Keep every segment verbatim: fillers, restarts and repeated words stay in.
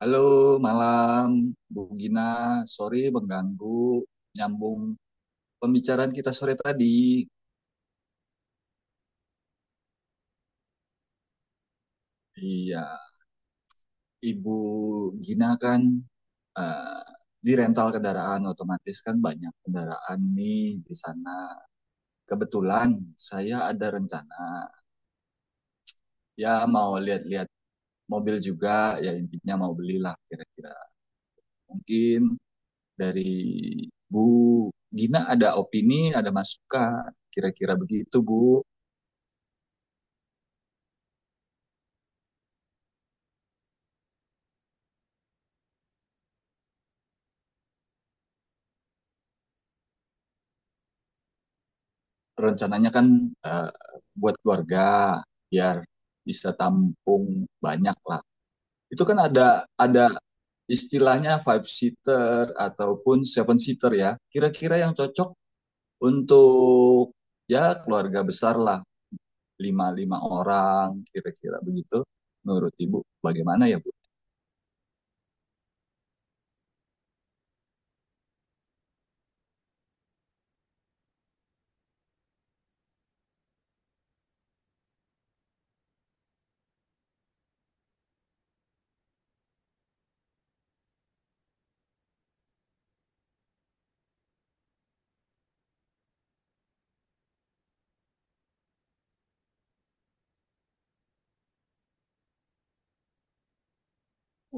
Halo, malam Bu Gina. Sorry mengganggu nyambung pembicaraan kita sore tadi. Iya, Ibu Gina kan eh, di rental kendaraan otomatis kan banyak kendaraan nih di sana. Kebetulan saya ada rencana ya mau lihat-lihat mobil juga ya intinya mau belilah kira-kira. Mungkin dari Bu Gina ada opini, ada masukan kira-kira begitu Bu. rencananya kan eh, buat keluarga biar bisa tampung banyak lah. Itu kan ada ada istilahnya five seater ataupun seven seater ya. Kira-kira yang cocok untuk ya keluarga besar lah, lima lima orang kira-kira begitu. Menurut Ibu bagaimana ya Bu?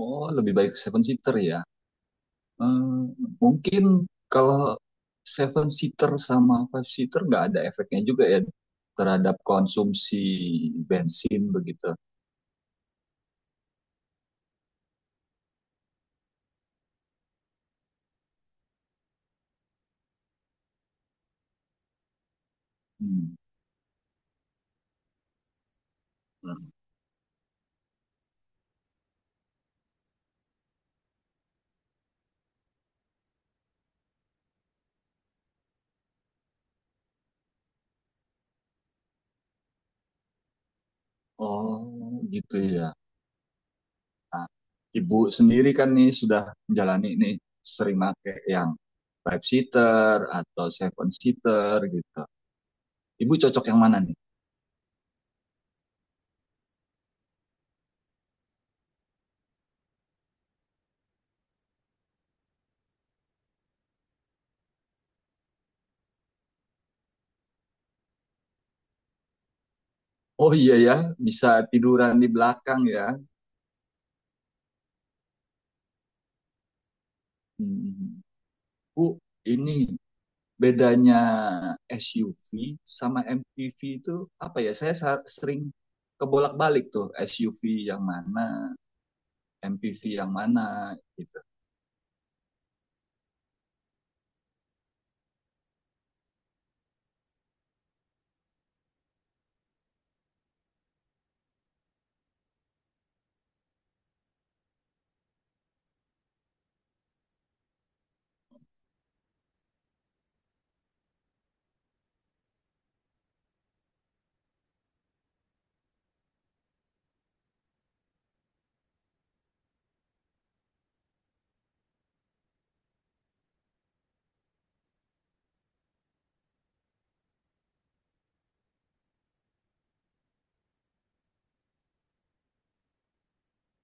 Oh, lebih baik seven seater ya. Eh, Mungkin kalau seven seater sama five seater nggak ada efeknya juga ya terhadap konsumsi bensin begitu. Hmm. Hmm. Oh, gitu ya. Nah, ibu sendiri kan nih sudah menjalani nih sering pakai yang five seater atau seven seater gitu. Ibu cocok yang mana nih? Oh iya ya, bisa tiduran di belakang ya. Hmm. Bu, ini bedanya S U V sama M P V itu apa ya? Saya sa- sering kebolak-balik tuh S U V yang mana, M P V yang mana gitu.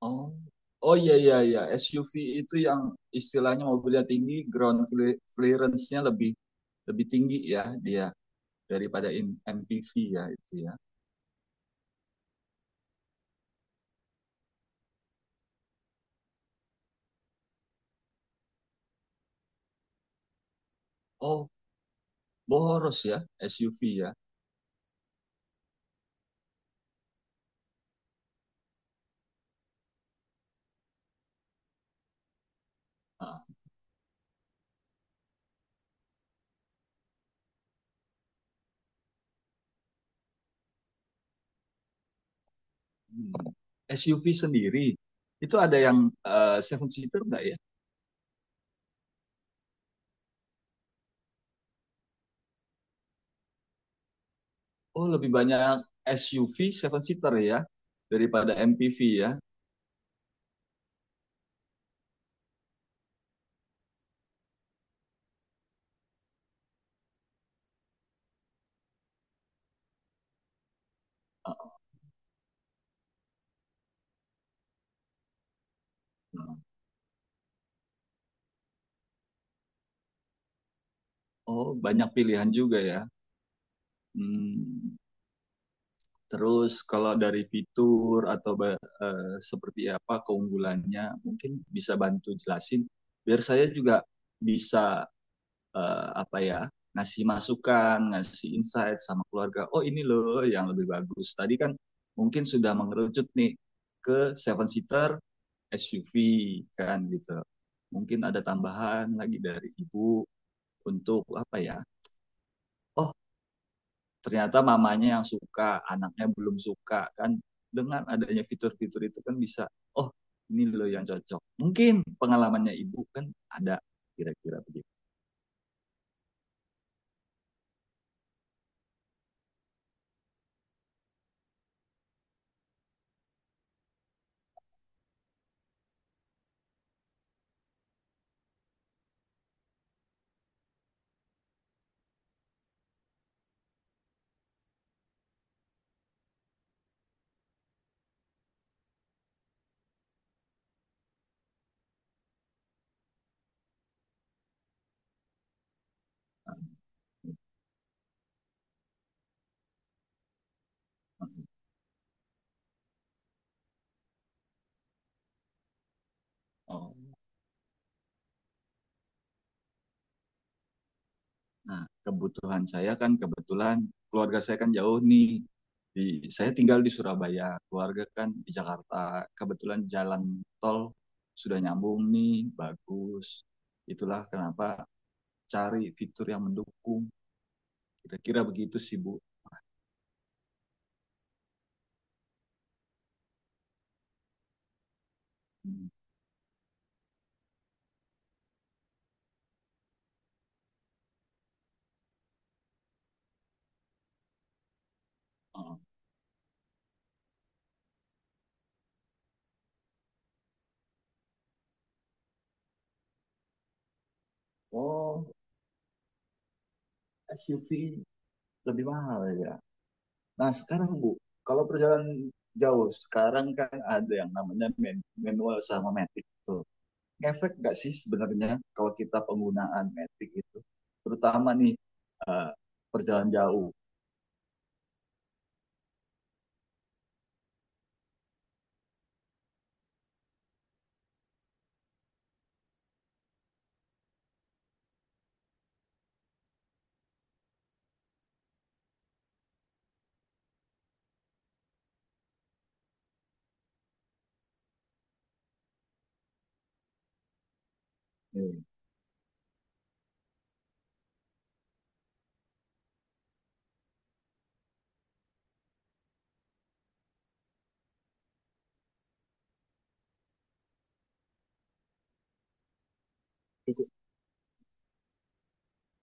Oh, oh iya iya iya S U V itu yang istilahnya mobilnya tinggi, ground cle- clearance-nya lebih lebih tinggi ya dia daripada in- M P V ya itu ya. Oh, boros ya S U V ya. Ah, hmm. S U V sendiri itu ada yang eh, seven seater nggak ya? Oh, lebih banyak S U V seven seater ya daripada M P V ya. Oh, banyak pilihan juga ya. Hmm. Terus kalau dari fitur atau ba- eh, seperti apa keunggulannya, mungkin bisa bantu jelasin biar saya juga bisa eh, apa ya ngasih masukan, ngasih insight sama keluarga. Oh, ini loh yang lebih bagus. Tadi kan mungkin sudah mengerucut nih ke seven seater S U V kan gitu. Mungkin ada tambahan lagi dari ibu untuk apa ya? Oh, ternyata mamanya yang suka, anaknya belum suka kan. Dengan adanya fitur-fitur itu kan bisa, oh, ini loh yang cocok. Mungkin pengalamannya ibu kan ada kira-kira begitu. Nah, gitu. Oh. Nah, kebutuhan saya kan kebetulan keluarga saya kan jauh nih. Di, saya tinggal di Surabaya, keluarga kan di Jakarta. Kebetulan jalan tol sudah nyambung nih, bagus. Itulah kenapa cari fitur yang mendukung. Kira-kira begitu sih, Bu. Hmm. Oh, oh, S U V lebih mahal ya. Nah, sekarang Bu, kalau perjalanan jauh, sekarang kan ada yang namanya manual sama matic tuh. Ngefek nggak sih sebenarnya kalau kita penggunaan matic itu terutama nih eh, perjalanan jauh. Nih, cukup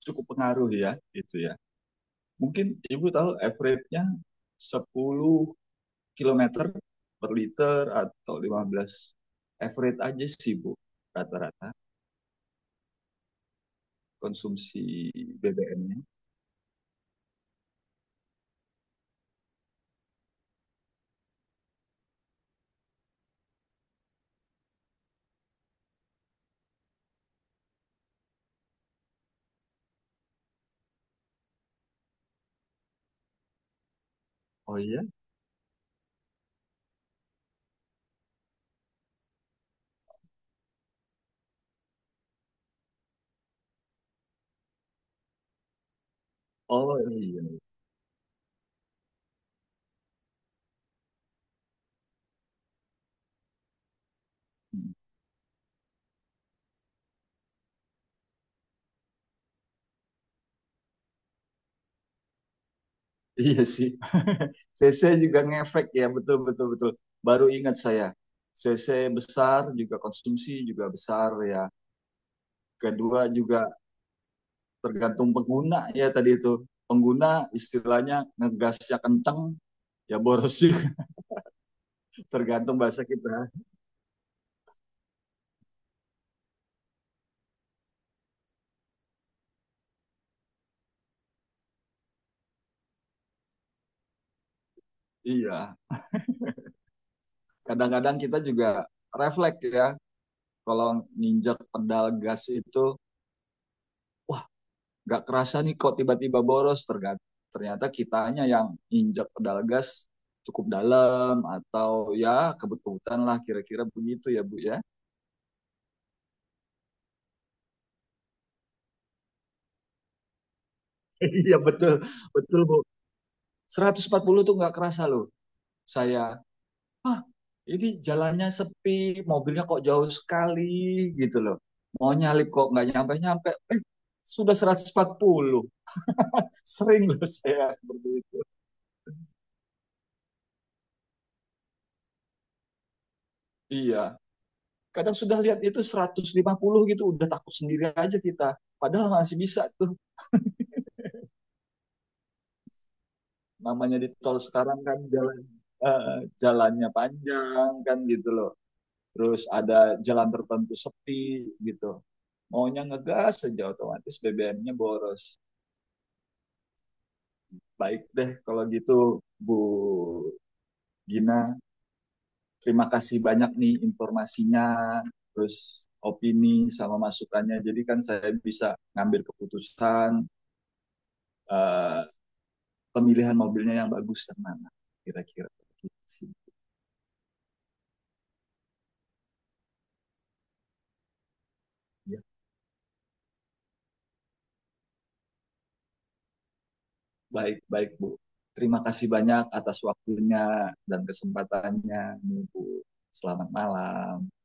cukup pengaruh ya itu ya, mungkin ibu tahu average-nya sepuluh kilometer per liter atau lima belas average aja sih bu, rata-rata konsumsi B B M-nya. Oh iya, oh iya iya. Hmm. Iya sih. C C juga ngefek ya, betul betul betul. Baru ingat saya. C C besar juga konsumsi juga besar ya. Kedua juga tergantung pengguna ya tadi itu. Pengguna istilahnya ngegasnya kenceng ya boros sih. Tergantung bahasa kita. Iya. Kadang-kadang kita juga refleks ya kalau nginjak pedal gas itu nggak kerasa nih kok tiba-tiba boros terga- ternyata kitanya yang injak pedal gas cukup dalam atau ya kebetulan lah kira-kira begitu ya Bu ya. Iya betul, betul Bu. seratus empat puluh tuh nggak kerasa loh saya. Ah, ini jalannya sepi, mobilnya kok jauh sekali gitu loh. Mau nyalip kok nggak nyampe-nyampe. Eh, sudah seratus empat puluh. Sering loh saya seperti itu. Iya. Kadang sudah lihat itu seratus lima puluh gitu udah takut sendiri aja kita padahal masih bisa tuh, namanya di tol sekarang kan jalan eh, jalannya panjang kan gitu loh, terus ada jalan tertentu sepi gitu maunya ngegas aja otomatis B B M-nya boros. Baik deh kalau gitu Bu Gina, terima kasih banyak nih informasinya terus opini sama masukannya, jadi kan saya bisa ngambil keputusan eh, pemilihan mobilnya yang bagus yang mana kira-kira. Ya, baik baik Bu, terima kasih banyak atas waktunya dan kesempatannya Bu. Selamat malam.